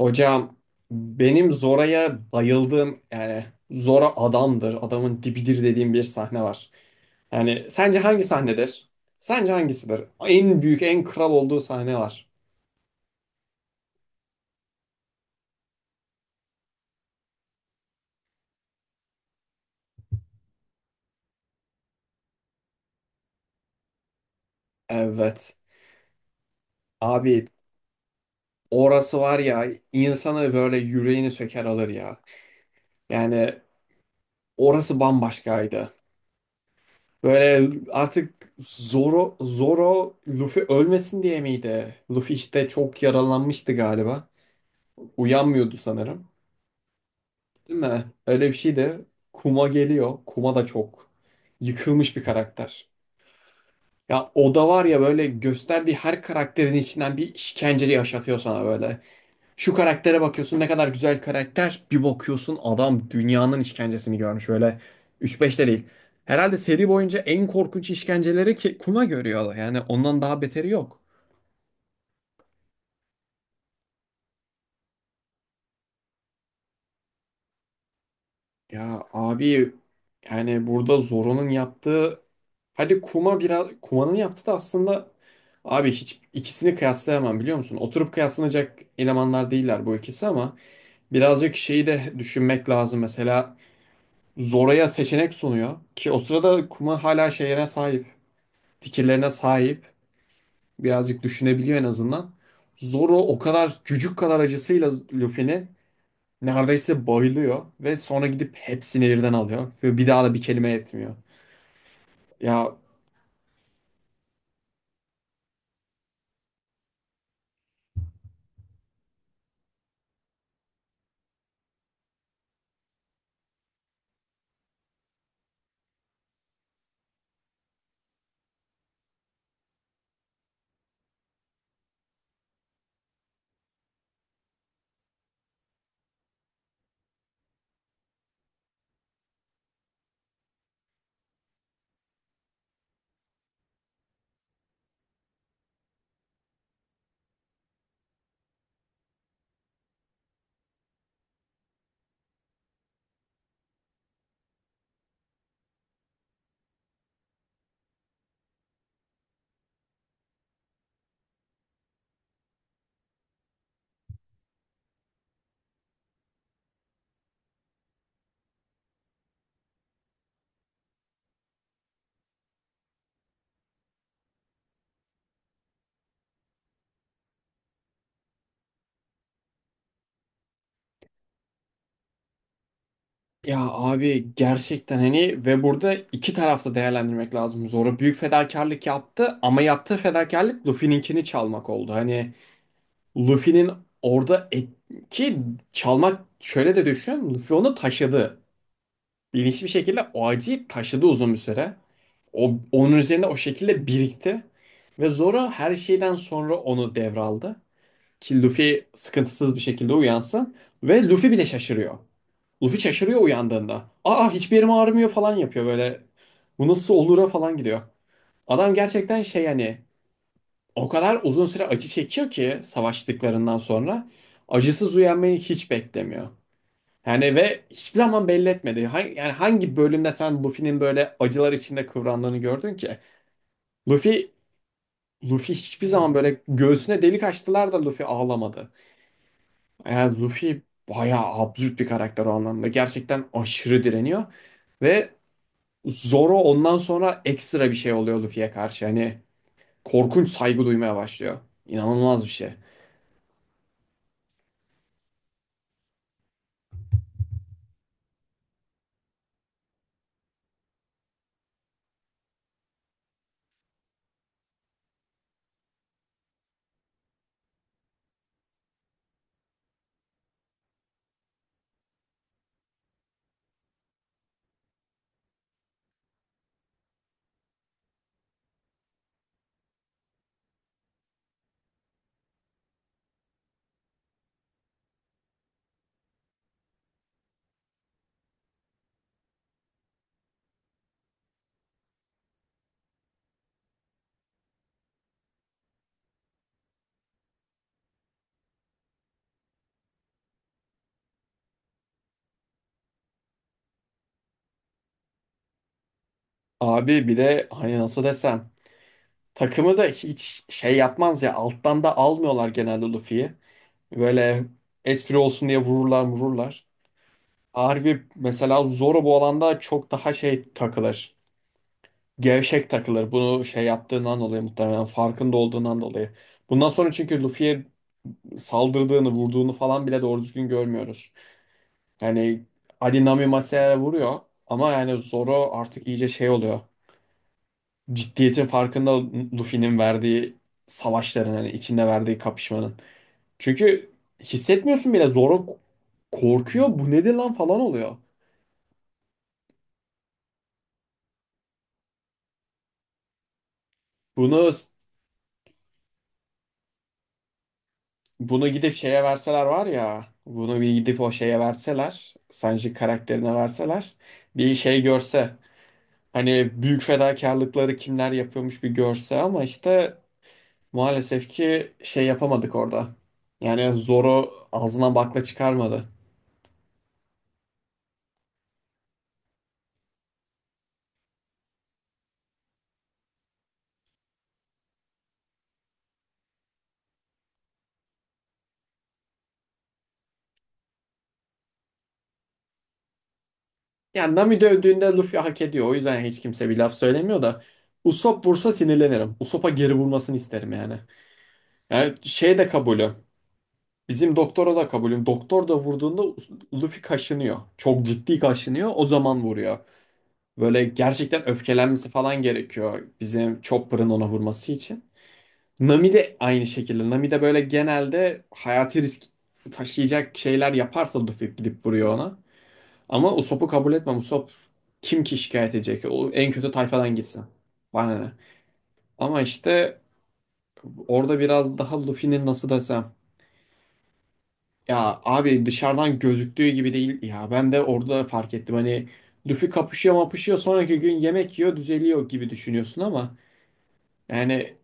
Hocam, benim Zora'ya bayıldığım, yani Zora adamdır, adamın dibidir dediğim bir sahne var. Yani sence hangi sahnedir? Sence hangisidir? En büyük, en kral olduğu sahne var. Evet. Abi, orası var ya, insanı böyle, yüreğini söker alır ya. Yani orası bambaşkaydı. Böyle artık Zoro Luffy ölmesin diye miydi? Luffy işte çok yaralanmıştı galiba. Uyanmıyordu sanırım. Değil mi? Öyle bir şey de. Kuma geliyor. Kuma da çok yıkılmış bir karakter. Ya o da var ya, böyle gösterdiği her karakterin içinden bir işkence yaşatıyor sana böyle. Şu karaktere bakıyorsun, ne kadar güzel karakter. Bir bakıyorsun, adam dünyanın işkencesini görmüş böyle. Üç 5 de değil. Herhalde seri boyunca en korkunç işkenceleri ki Kuma görüyor. Yani ondan daha beteri yok. Ya abi, yani burada Zoro'nun yaptığı, hadi Kuma, biraz Kuma'nın yaptığı da aslında, abi hiç ikisini kıyaslayamam, biliyor musun? Oturup kıyaslanacak elemanlar değiller bu ikisi, ama birazcık şeyi de düşünmek lazım. Mesela Zoro'ya seçenek sunuyor ki o sırada Kuma hala şeyine sahip, fikirlerine sahip. Birazcık düşünebiliyor en azından. Zoro o kadar cücük kadar acısıyla Luffy'ni neredeyse bayılıyor ve sonra gidip hepsini birden alıyor ve bir daha da bir kelime etmiyor. Ya, ya abi, gerçekten hani, ve burada iki tarafta değerlendirmek lazım. Zoro büyük fedakarlık yaptı, ama yaptığı fedakarlık Luffy'ninkini çalmak oldu. Hani Luffy'nin orada et, ki çalmak, şöyle de düşün, Luffy onu taşıdı. Bilinçli bir şekilde o acıyı taşıdı uzun bir süre. Onun üzerinde o şekilde birikti. Ve Zoro her şeyden sonra onu devraldı ki Luffy sıkıntısız bir şekilde uyansın. Ve Luffy bile şaşırıyor. Luffy şaşırıyor uyandığında. Aa, hiçbir yerim ağrımıyor falan yapıyor böyle. Bu nasıl olur'a falan gidiyor. Adam gerçekten şey, hani, o kadar uzun süre acı çekiyor ki savaştıklarından sonra acısız uyanmayı hiç beklemiyor. Yani ve hiçbir zaman belli etmedi. Yani hangi bölümde sen Luffy'nin böyle acılar içinde kıvrandığını gördün ki? Luffy Luffy hiçbir zaman böyle, göğsüne delik açtılar da Luffy ağlamadı. Yani Luffy bayağı absürt bir karakter o anlamda. Gerçekten aşırı direniyor. Ve Zoro ondan sonra ekstra bir şey oluyor Luffy'ye karşı. Hani korkunç saygı duymaya başlıyor. İnanılmaz bir şey. Abi bir de hani, nasıl desem, takımı da hiç şey yapmaz ya, alttan da almıyorlar genelde Luffy'yi. Böyle espri olsun diye vururlar vururlar. Harbi mesela Zoro bu alanda çok daha şey takılır. Gevşek takılır. Bunu şey yaptığından dolayı, muhtemelen farkında olduğundan dolayı. Bundan sonra çünkü Luffy'ye saldırdığını, vurduğunu falan bile doğru düzgün görmüyoruz. Yani Ali Nami Masaya vuruyor, ama yani Zoro artık iyice şey oluyor. Ciddiyetin farkında, Luffy'nin verdiği savaşların, hani içinde verdiği kapışmanın. Çünkü hissetmiyorsun bile. Zoro korkuyor. Bu nedir lan falan oluyor. Bunu Bunu gidip şeye verseler var ya, bunu bir gidip o şeye verseler, Sanji karakterine verseler, bir şey görse, hani büyük fedakarlıkları kimler yapıyormuş bir görse, ama işte maalesef ki şey yapamadık orada. Yani Zoro ağzına bakla çıkarmadı. Yani Nami dövdüğünde Luffy hak ediyor. O yüzden hiç kimse bir laf söylemiyor da. Usopp vursa sinirlenirim. Usopp'a geri vurmasını isterim yani. Yani şey de kabulü. Bizim doktora da kabulüm. Doktor da vurduğunda Luffy kaşınıyor. Çok ciddi kaşınıyor. O zaman vuruyor. Böyle gerçekten öfkelenmesi falan gerekiyor. Bizim Chopper'ın ona vurması için. Nami de aynı şekilde. Nami de böyle genelde hayati risk taşıyacak şeyler yaparsa Luffy gidip vuruyor ona. Ama Usopp'u kabul etmem. Usopp kim ki şikayet edecek? O en kötü tayfadan gitsin. Bana ne? Ama işte orada biraz daha Luffy'nin, nasıl desem. Ya abi, dışarıdan gözüktüğü gibi değil ya. Ben de orada fark ettim. Hani Luffy kapışıyor mapışıyor sonraki gün yemek yiyor düzeliyor gibi düşünüyorsun, ama yani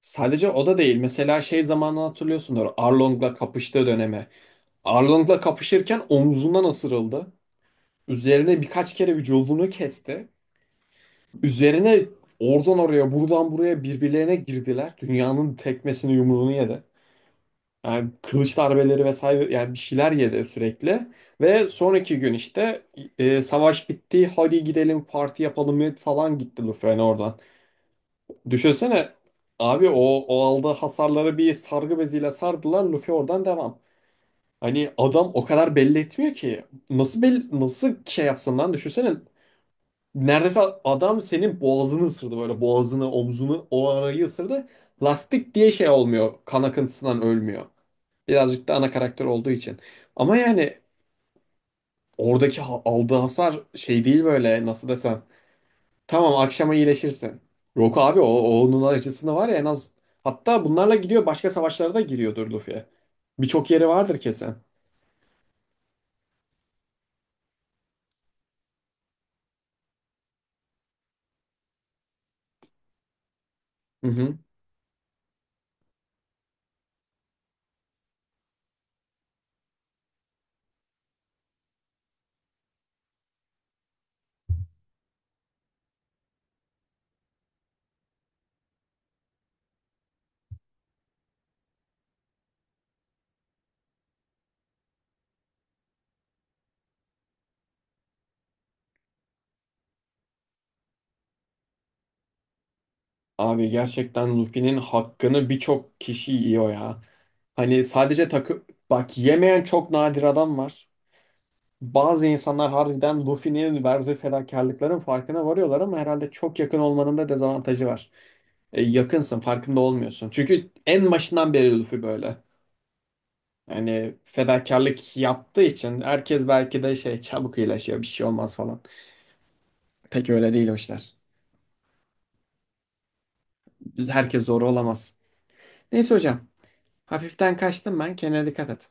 sadece o da değil. Mesela şey zamanını hatırlıyorsundur. Arlong'la kapıştığı döneme. Arlong'la kapışırken omzundan ısırıldı. Üzerine birkaç kere vücudunu kesti. Üzerine oradan oraya, buradan buraya birbirlerine girdiler. Dünyanın tekmesini, yumruğunu yedi. Yani kılıç darbeleri vesaire, yani bir şeyler yedi sürekli. Ve sonraki gün işte, savaş bitti, hadi gidelim parti yapalım falan, gitti Luffy'nin oradan. Düşünsene abi, o aldığı hasarları bir sargı beziyle sardılar, Luffy oradan devam. Hani adam o kadar belli etmiyor ki. Nasıl belli, nasıl şey yapsın lan, düşünsene. Neredeyse adam senin boğazını ısırdı böyle, boğazını, omzunu, o arayı ısırdı. Lastik diye şey olmuyor, kan akıntısından ölmüyor. Birazcık da ana karakter olduğu için. Ama yani oradaki aldığı hasar şey değil böyle, nasıl desem. Tamam, akşama iyileşirsin. Rock abi, o onun acısını var ya en az. Hatta bunlarla gidiyor, başka savaşlara da giriyordur Luffy. Birçok yeri vardır kesin. Hı hı. Abi, gerçekten Luffy'nin hakkını birçok kişi yiyor ya. Hani sadece takı... Bak, yemeyen çok nadir adam var. Bazı insanlar harbiden Luffy'nin verdiği fedakarlıkların farkına varıyorlar, ama herhalde çok yakın olmanın da dezavantajı var. E, yakınsın, farkında olmuyorsun. Çünkü en başından beri Luffy böyle. Yani fedakarlık yaptığı için herkes belki de şey, çabuk iyileşiyor, bir şey olmaz falan. Pek öyle değil o işler. Herkes zor olamaz. Neyse hocam, hafiften kaçtım ben, kendine dikkat et.